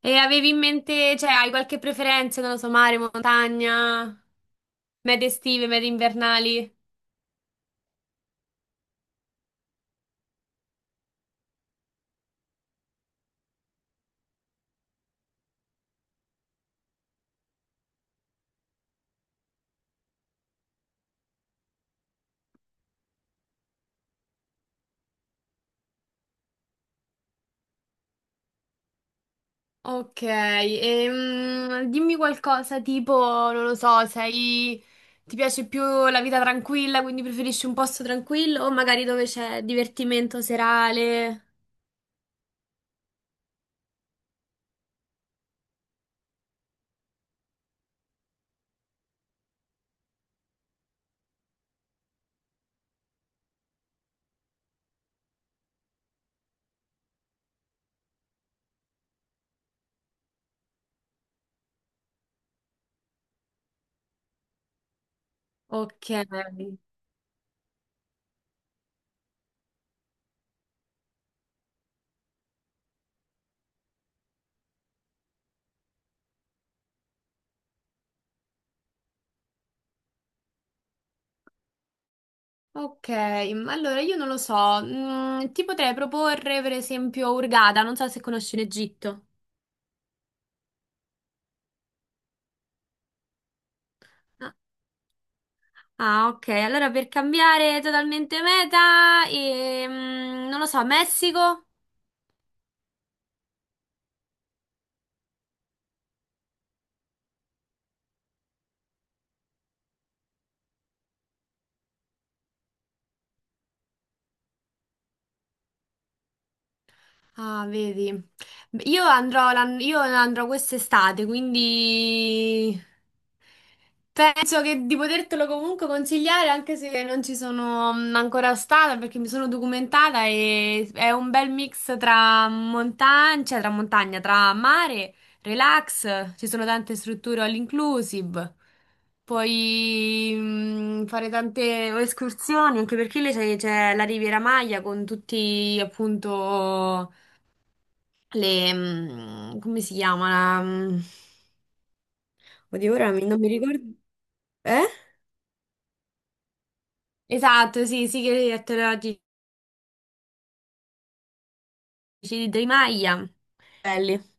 E avevi in mente, cioè, hai qualche preferenza, non lo so, mare, montagna, mete estive, mete invernali? Ok, dimmi qualcosa tipo, non lo so, sei... Ti piace più la vita tranquilla, quindi preferisci un posto tranquillo o magari dove c'è divertimento serale? Ok. Ok, ma allora io non lo so. Ti potrei proporre per esempio Hurghada, non so se conosci l'Egitto. Ah, ok. Allora per cambiare totalmente meta, non lo so, Messico? Ah, vedi. Io andrò, io andrò quest'estate, quindi penso che di potertelo comunque consigliare, anche se non ci sono ancora stata, perché mi sono documentata e è un bel mix tra montagna, cioè, tra mare, relax, ci sono tante strutture all inclusive. Puoi fare tante escursioni, anche perché lì c'è la Riviera Maya con tutti appunto le, come si chiama? La, oddio, non mi ricordo. Eh? Esatto, sì, sigari elettorali di Dai Maia. Belli.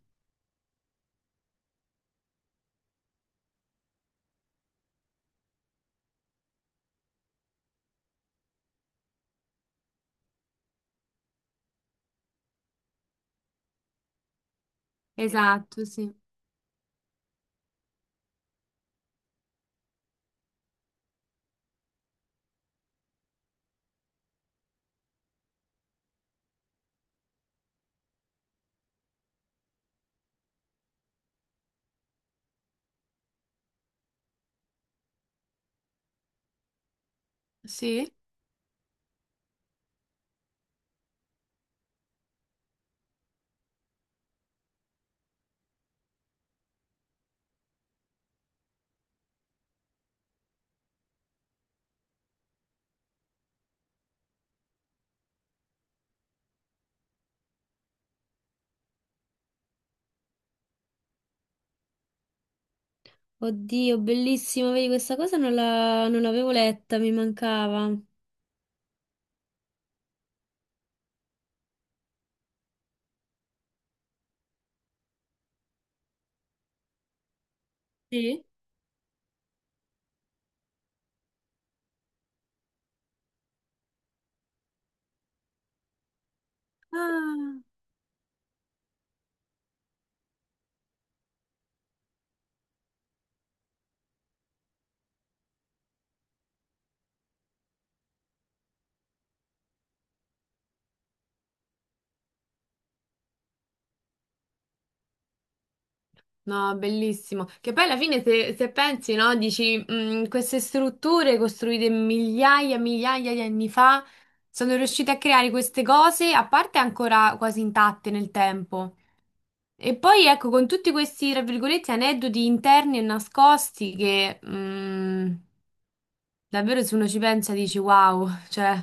Esatto, sì. Sì? Oddio, bellissimo, vedi, questa cosa non l'avevo letta, mi mancava. Sì. Ah. No, bellissimo. Che poi alla fine se, se pensi, no, dici, "Mm, queste strutture costruite migliaia e migliaia di anni fa sono riuscite a creare queste cose, a parte ancora quasi intatte nel tempo. E poi ecco, con tutti questi, tra virgolette, aneddoti interni e nascosti che davvero se uno ci pensa dici, wow, cioè...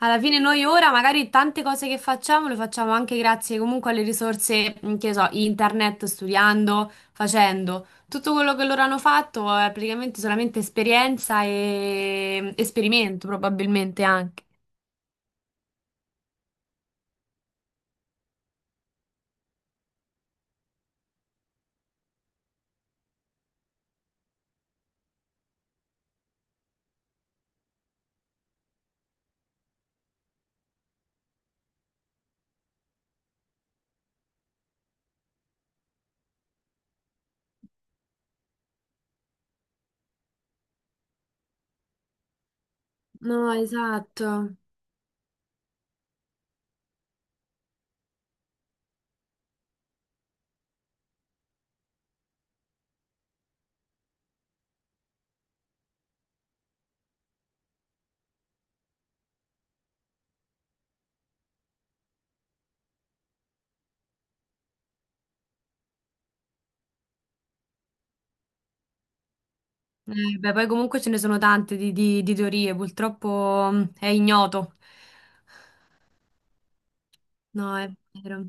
Alla fine noi ora magari tante cose che facciamo le facciamo anche grazie comunque alle risorse, che ne so, internet, studiando, facendo. Tutto quello che loro hanno fatto è praticamente solamente esperienza e esperimento probabilmente anche. No, esatto. Beh, poi comunque ce ne sono tante di, di teorie, purtroppo è ignoto. No, è vero.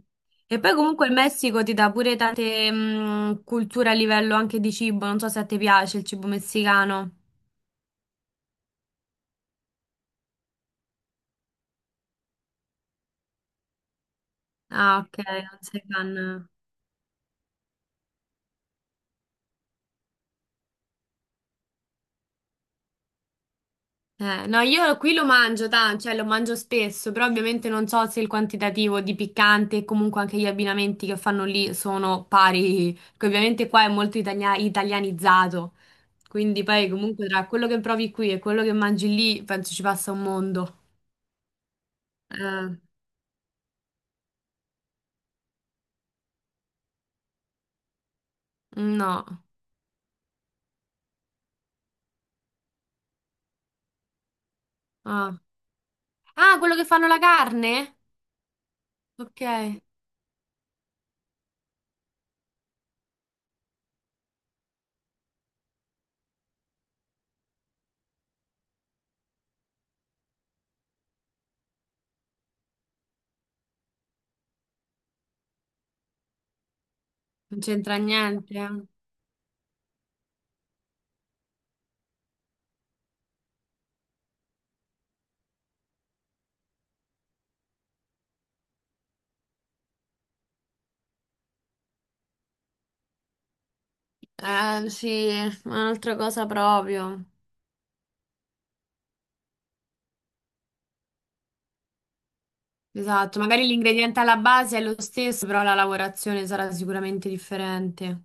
E poi comunque il Messico ti dà pure tante culture a livello anche di cibo, non so se a te piace il cibo messicano. Ah, ok, non sei fan. No, io qui lo mangio, cioè lo mangio spesso, però ovviamente non so se il quantitativo di piccante e comunque anche gli abbinamenti che fanno lì sono pari, che ovviamente qua è molto italianizzato, quindi poi comunque tra quello che provi qui e quello che mangi lì penso ci passa un mondo. Eh, no. Ah. Ah, quello che fanno la carne? Ok, non c'entra niente. Sì, un'altra cosa proprio. Esatto, magari l'ingrediente alla base è lo stesso, però la lavorazione sarà sicuramente differente.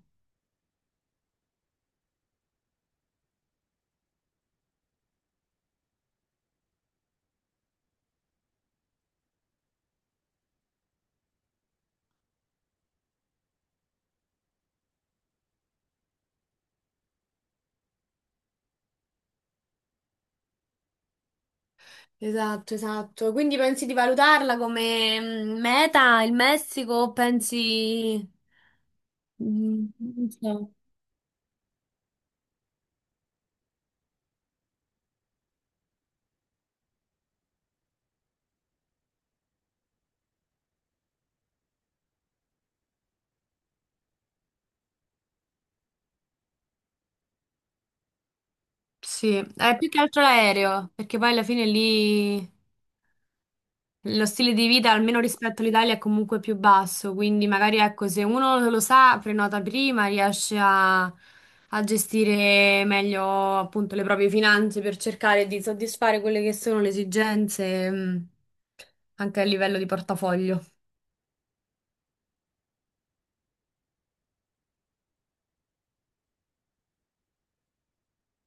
Esatto, esatto. Quindi pensi di valutarla come meta il Messico o pensi... Non so. Sì, è più che altro l'aereo, perché poi alla fine lì lo stile di vita, almeno rispetto all'Italia, è comunque più basso, quindi magari ecco, se uno lo sa, prenota prima, riesce a, a gestire meglio appunto le proprie finanze per cercare di soddisfare quelle che sono le esigenze, anche a livello di portafoglio.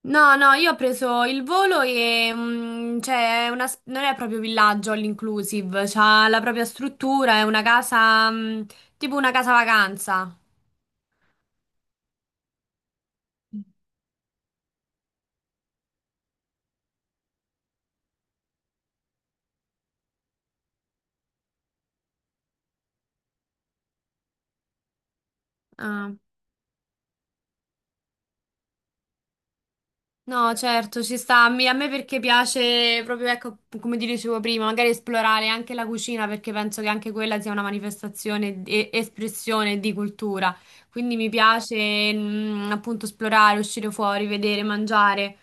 No, no, io ho preso il volo e cioè, è una non è proprio villaggio all inclusive, c'ha la propria struttura, è una casa, tipo una casa vacanza. Ah. No, certo, ci sta. A me perché piace proprio, ecco, come ti dicevo prima, magari esplorare anche la cucina perché penso che anche quella sia una manifestazione e espressione di cultura. Quindi mi piace, appunto, esplorare, uscire fuori, vedere, mangiare.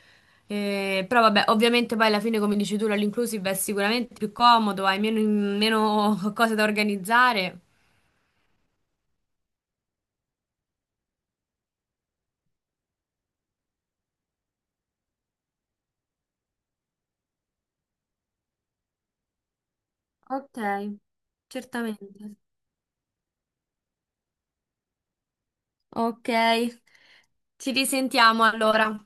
Però vabbè, ovviamente poi alla fine, come dici tu, l'inclusive è sicuramente più comodo, hai meno, meno cose da organizzare. Ok, certamente. Ok, ci risentiamo allora.